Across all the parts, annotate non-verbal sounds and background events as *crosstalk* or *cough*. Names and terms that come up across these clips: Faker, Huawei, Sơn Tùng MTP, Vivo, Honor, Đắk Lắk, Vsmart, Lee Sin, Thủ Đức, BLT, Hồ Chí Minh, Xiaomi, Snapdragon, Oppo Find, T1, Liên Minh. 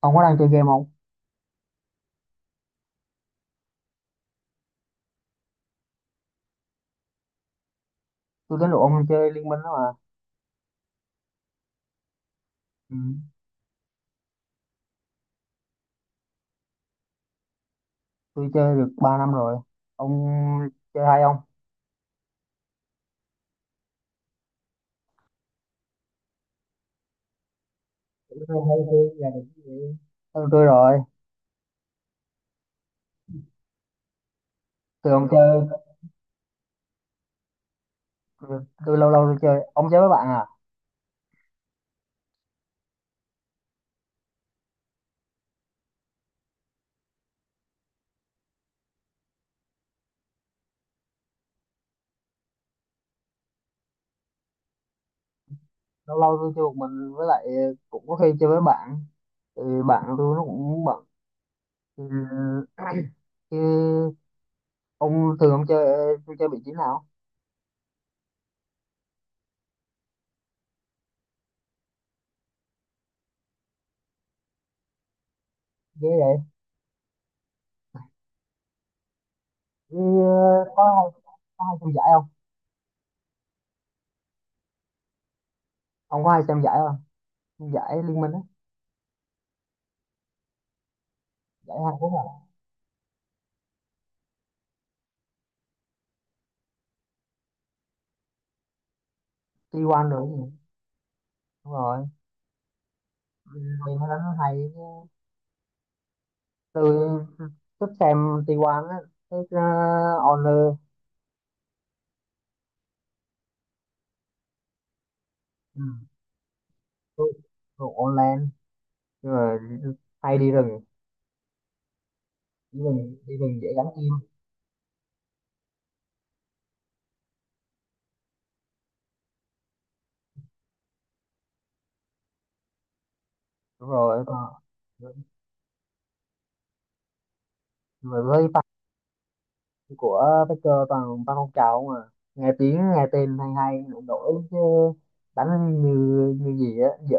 Ông có đang chơi game không? Tôi tính rủ ông chơi Liên Minh đó mà. Ừ. Tôi chơi được 3 năm rồi. Ông chơi hay không? Cũng hay hay hơn là được cái gì. Ừ, tôi rồi. Từ ông chơi, tôi, tôi lâu lâu tôi chơi. Ông chơi với bạn à? Lâu lâu tôi chơi một mình với lại cũng có khi chơi với bạn. Thì bạn tôi nó cũng bận. Ừ. *clears throat* Chứ ông thường ông chơi, tôi chơi vị trí nào? Ghê vậy. Ừ, có hay, có hay xem giải không? Ông có hay xem giải không? Giải Liên Minh á, giải Hàn Quốc à? T1 rồi. Đúng rồi, mình thấy đánh nó hay chứ. Tôi thích xem T1 á, thích Honor. Ừ, tôi thuộc online rồi hay đi rừng. Đi rừng dễ gắn kim. Đúng rồi, còn mà với fan của Faker toàn ba con trào không à. Nghe tiếng nghe tên hay hay đổi chứ đánh như như gì á dở.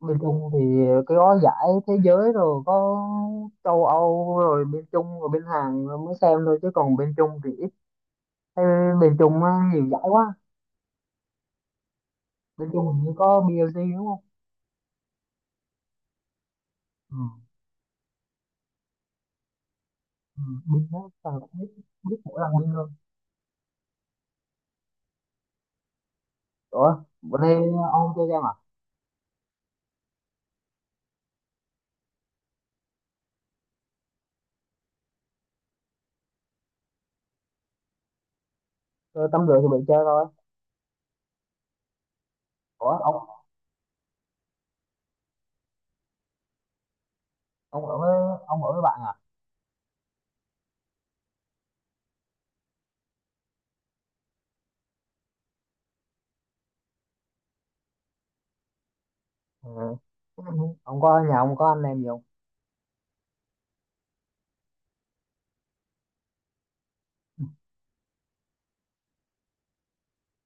Bên Trung thì cái gói giải thế giới rồi có châu Âu rồi bên Trung rồi bên Hàn rồi mới xem thôi, chứ còn bên Trung thì ít. Thế bên Trung á, nhiều giải quá. Bên Trung hình như có BLT đúng không. Ừ. Ừ. Binh đó sao biết. Biết mỗi lần binh luôn. Ủa bữa nay ông chơi game à. Tôi tắm rửa thì bị chơi thôi. Ủa ông ở với ông ở với bạn à? Ừ. Ông có nhà, ông có anh em gì không?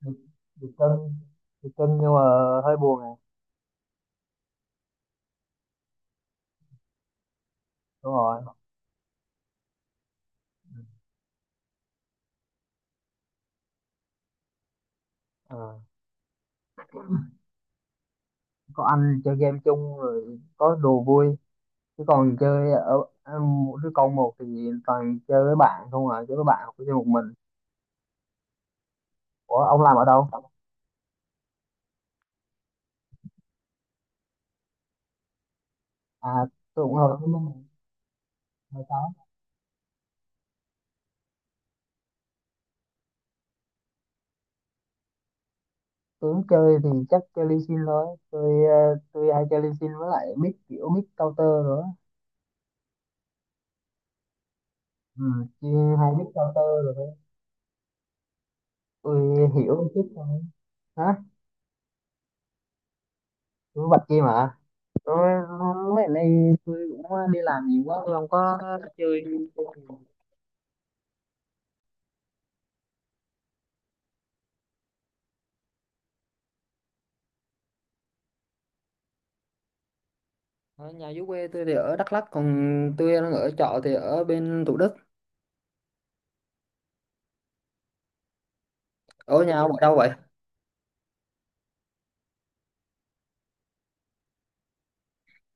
Được Được cưng. Được cưng nhưng mà hơi buồn này. Đúng rồi. Ờ. Có ăn chơi game chung rồi có đồ vui, chứ còn chơi ở, một đứa con một thì toàn chơi với bạn không à, chơi với bạn hoặc chơi một mình. Ủa ông làm ở đâu? À tôi cũng ở Hồ Chí Minh hồi đó. Tôi cũng chơi thì chắc chơi Lee Sin thôi. Tôi tôi hay chơi Lee Sin với lại mid, kiểu mid counter rồi á. Ừ, chia hai mid counter rồi thôi. Tôi hiểu một chút thôi. Hả? Tôi bạch kia mà. Tôi mấy ngày nay tôi cũng đi làm nhiều quá, tôi không có chơi. Ở nhà dưới quê tôi thì ở Đắk Lắk, còn tôi đang ở trọ thì ở bên Thủ Đức. Ở nhà ông ở đâu vậy?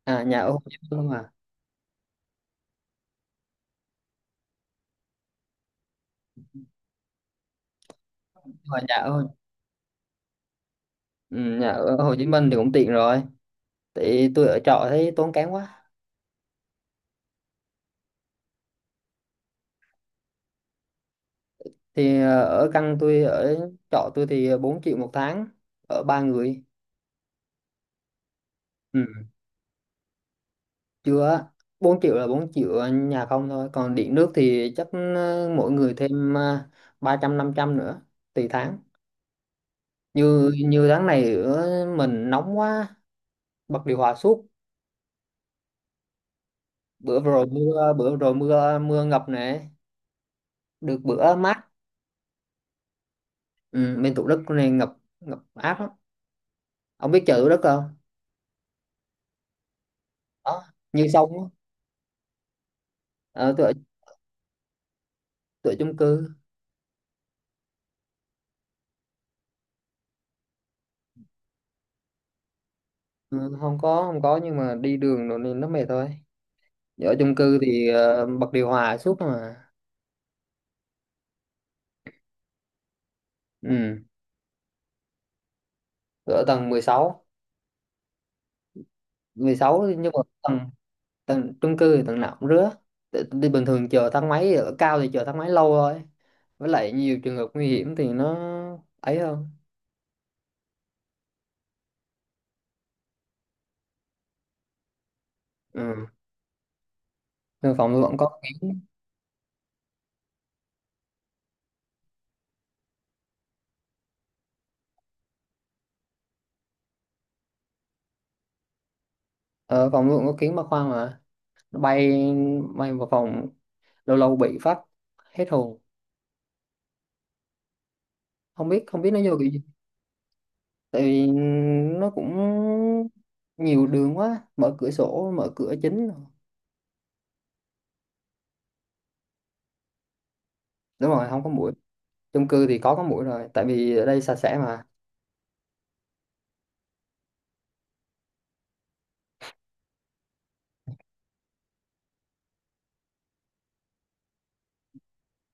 À nhà ở Hồ Chí Minh không à. Nhưng mà nhà ở, ừ, nhà ở Hồ Chí Minh thì cũng tiện rồi. Thì tôi ở trọ thấy tốn kém quá. Thì ở căn tôi ở trọ tôi thì 4 triệu một tháng, ở ba người. Ừ, chưa á. bốn triệu là 4 triệu nhà không thôi, còn điện nước thì chắc mỗi người thêm ba trăm năm trăm nữa, tùy tháng. Như Như tháng này ở mình nóng quá bật điều hòa suốt. Bữa vừa rồi mưa, mưa ngập nè. Được bữa mát. Ừ, bên Thủ Đức này ngập ngập ác lắm. Ông biết chợ Thủ Đức không? Đó, như sông á. ờ, tôi ở, tôi ở chung cư. Ừ, không có, nhưng mà đi đường rồi nên nó mệt thôi. Ở chung cư thì bật điều hòa suốt mà. Ừ. Tôi ở tầng mười sáu. Mười sáu nhưng mà tầng tầng chung cư thì tầng nào cũng rứa. Đi bình thường chờ thang máy, ở cao thì chờ thang máy lâu thôi, với lại nhiều trường hợp nguy hiểm thì nó ấy hơn. Ừ. Nên phòng tôi vẫn có. Ở phòng nó cũng có kiến ba khoang mà. Nó bay bay vào phòng, lâu lâu bị phát hết hồn. Không biết nó vô kiểu gì. Tại vì nó cũng nhiều đường quá, mở cửa sổ mở cửa chính. Đúng rồi, không có mũi. Chung cư thì có mũi rồi tại vì ở đây sạch sẽ mà.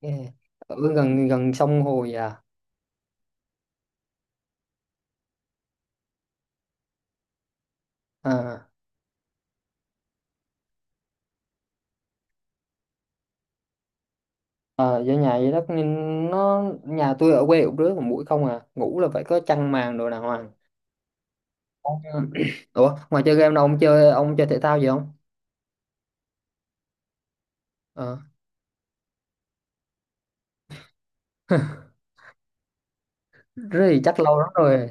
Yeah. Ở gần gần sông hồ vậy à? À ờ, do nhà vậy đó nên nó. Nhà tôi ở quê cũng rứa, còn mũi không à, ngủ là phải có chăn màn đồ đàng hoàng. Ủa ngoài chơi game đâu, ông chơi thể thao gì không? Ờ. *laughs* Rất thì chắc lâu lắm rồi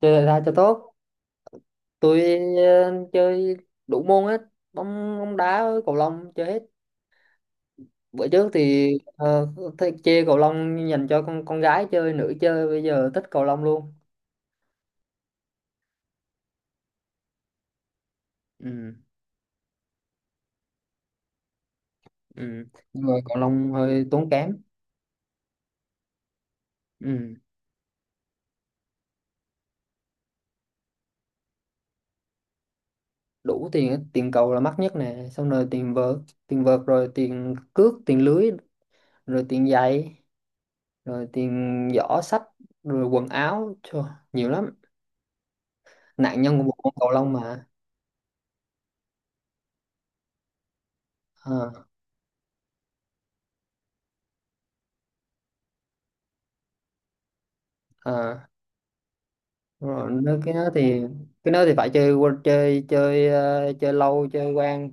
chơi thể thao cho tốt. Tôi chơi đủ môn hết, bóng bóng đá với cầu lông chơi hết. Bữa trước thì ờ, thích chơi cầu lông, dành cho con gái chơi. Nữ chơi bây giờ thích cầu lông luôn. Ừ, ừ. Nhưng mà cầu lông hơi tốn kém. Ừ. Đủ tiền hết. Tiền cầu là mắc nhất nè, xong rồi tiền vợt rồi tiền cước, tiền lưới, rồi tiền giày, rồi tiền giỏ sách, rồi quần áo. Trời, nhiều lắm. Nạn nhân của bộ môn cầu lông mà. Ờ, ờ. Đúng rồi, nó cái đó thì phải chơi, chơi chơi lâu chơi quen.